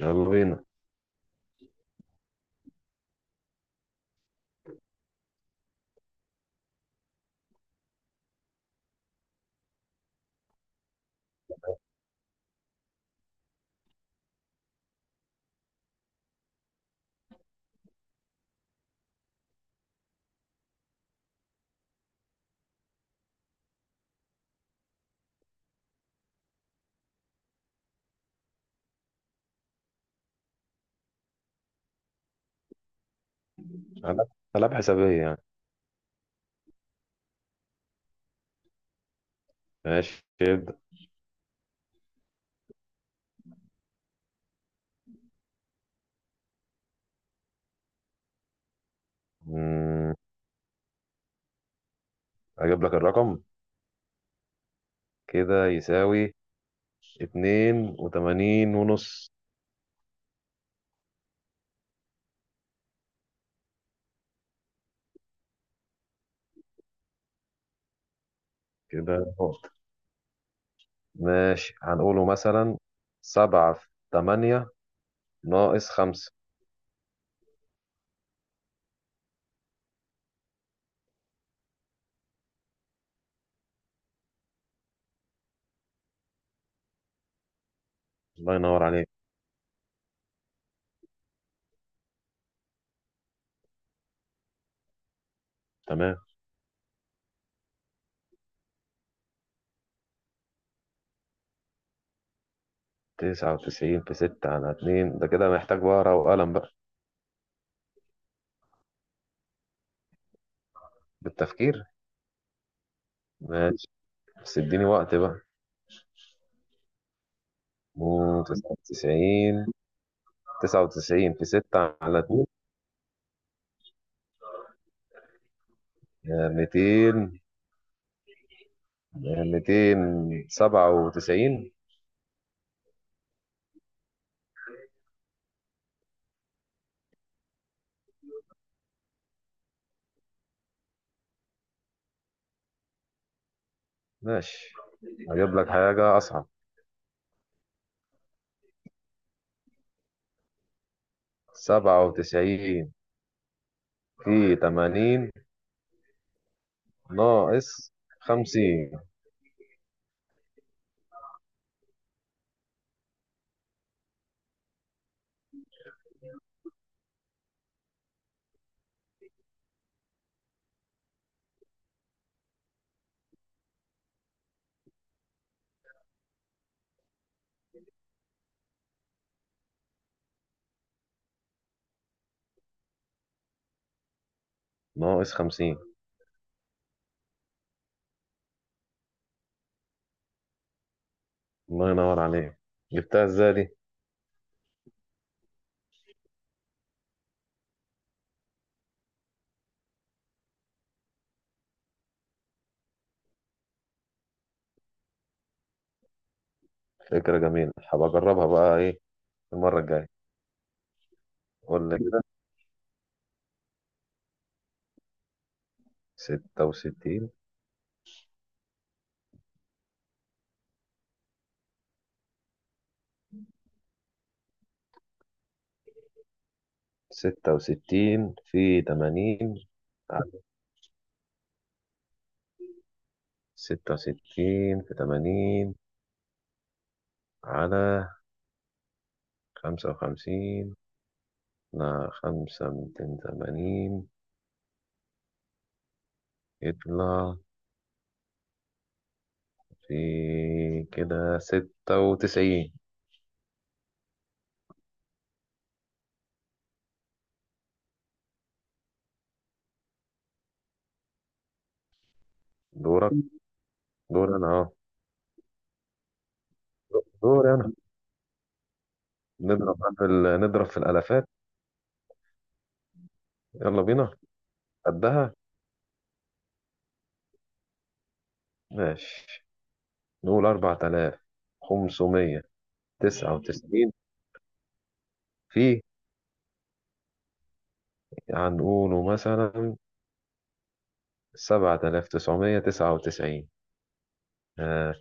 يلا بينا. ألعاب ألعاب حسابية يعني. ماشي، ابدأ. مم، أجيب لك الرقم، كده يساوي 82.5. كده نقط. ماشي، هنقوله مثلا سبعة في تمانية ناقص خمسة. الله ينور عليك. تمام، 99 في ستة على اتنين ده كده محتاج ورقة وقلم بقى. بالتفكير. ماشي، بس اديني وقت بقى. 99، 99 في ستة على اتنين، يعني 200، 200 97. ماشي، هجيب لك حاجة أصعب. 97 في 80 ناقص 50، ناقص 50. الله ينور عليك. جبتها ازاي دي؟ فكرة جميلة، هبقى أجربها بقى إيه المرة الجاية. قول لي كده. 66. 66 في 80 على، 66 في تمانين على 55. لا، خمسة من 80، يطلع في كده 96. دورك؟ دور أنا أه. دور أنا. نضرب بقى نضرب في الألفات. يلا بينا. قدها. ماشي، نقول 4599 في، هنقوله مثلا 7999. آه.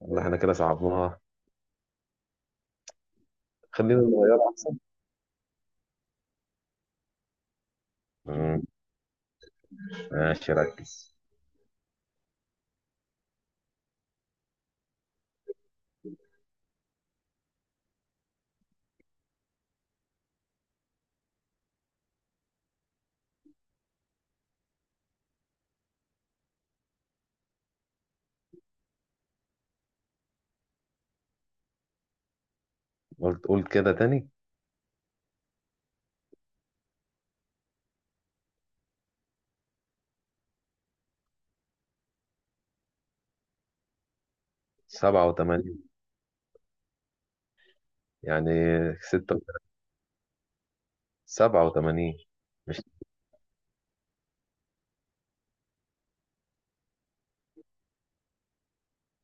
والله إحنا كده صعبناها. خلينا نغيرها أحسن. مم، ماشي ركز. قلت قول كده تاني. 87، يعني ستة، 87. مش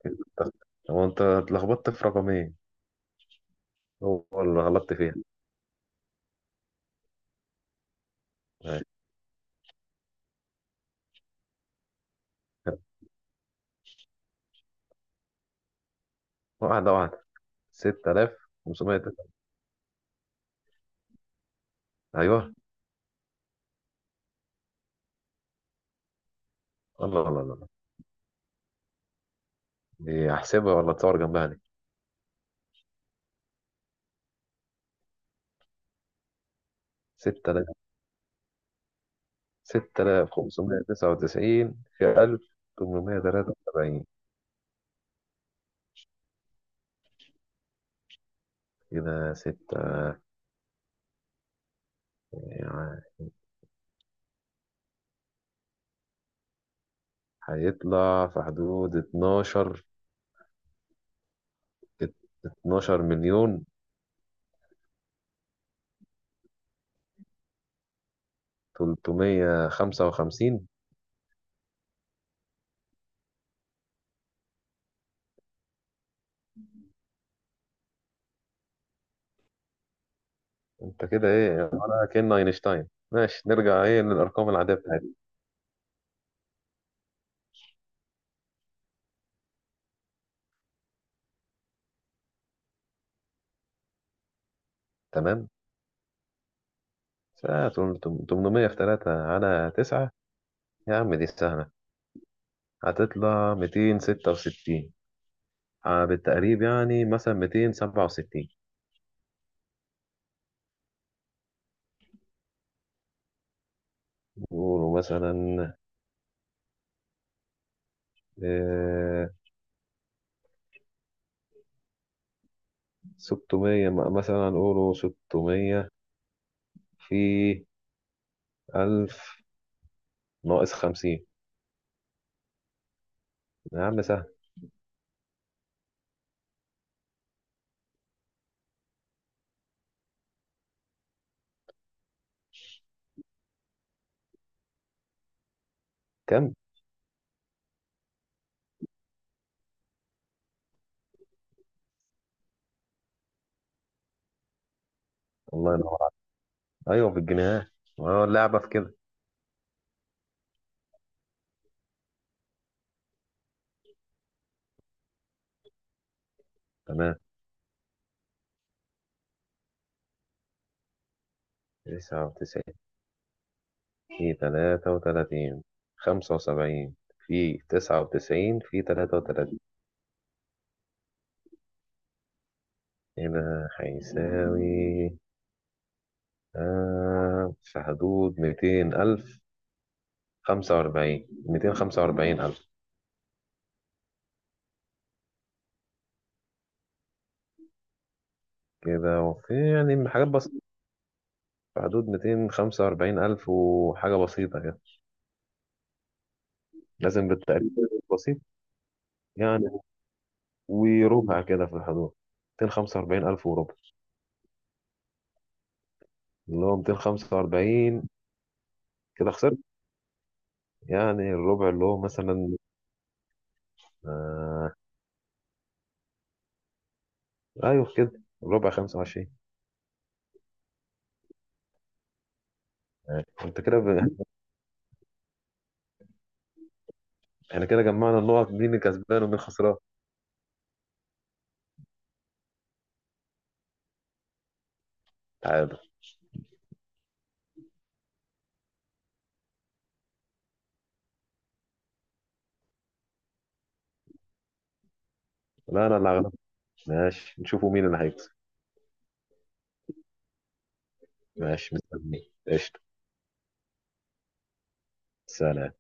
انت- هو انت اتلخبطت في رقمين، هو اللي غلطت فيها. ماشي. واحدة واحدة. 6500 ده. ايوه، الله الله الله، دي احسبها ولا تصور جنبها دي؟ 6000، 6599 في 1873، كده 6، يعني هيطلع في حدود 12، 12 مليون 355. انت كده ايه ولا كأن اينشتاين؟ ماشي نرجع ايه للارقام العادية بتاعتنا. تمام. ساعة 800 في 3 على 9، يا عم دي سهلة، هتطلع 266. بالتقريب يعني مثلا 267. قولوا مثلا، آه، 600 مثلا قولوا 600 في 1000 ناقص 50. يا عم سهل. كم؟ الله ينور عليك. أيوه، بالجنيه. أه، اللعبة في كده. تمام. 99 في 33، 75 في 99 في 33 هنا هيساوي في حدود 200000 45، 245000. كده وفي يعني حاجات بسيطة، في حدود 245000 وحاجة بسيطة كده. لازم بالتقريب بسيط يعني. وربع كده في الحدود، 245000 وربع، اللي هو 245. كده خسرت. يعني الربع اللي هو مثلا، آه أيوه كده، الربع 25. يعني، وانت كده احنا كده جمعنا النقط، مين الكسبان ومين خسران؟ تعادل. لا، انا اللي هغلبك. ماشي، نشوفوا مين اللي هيكسب. ماشي، مستني قشطة. سلام.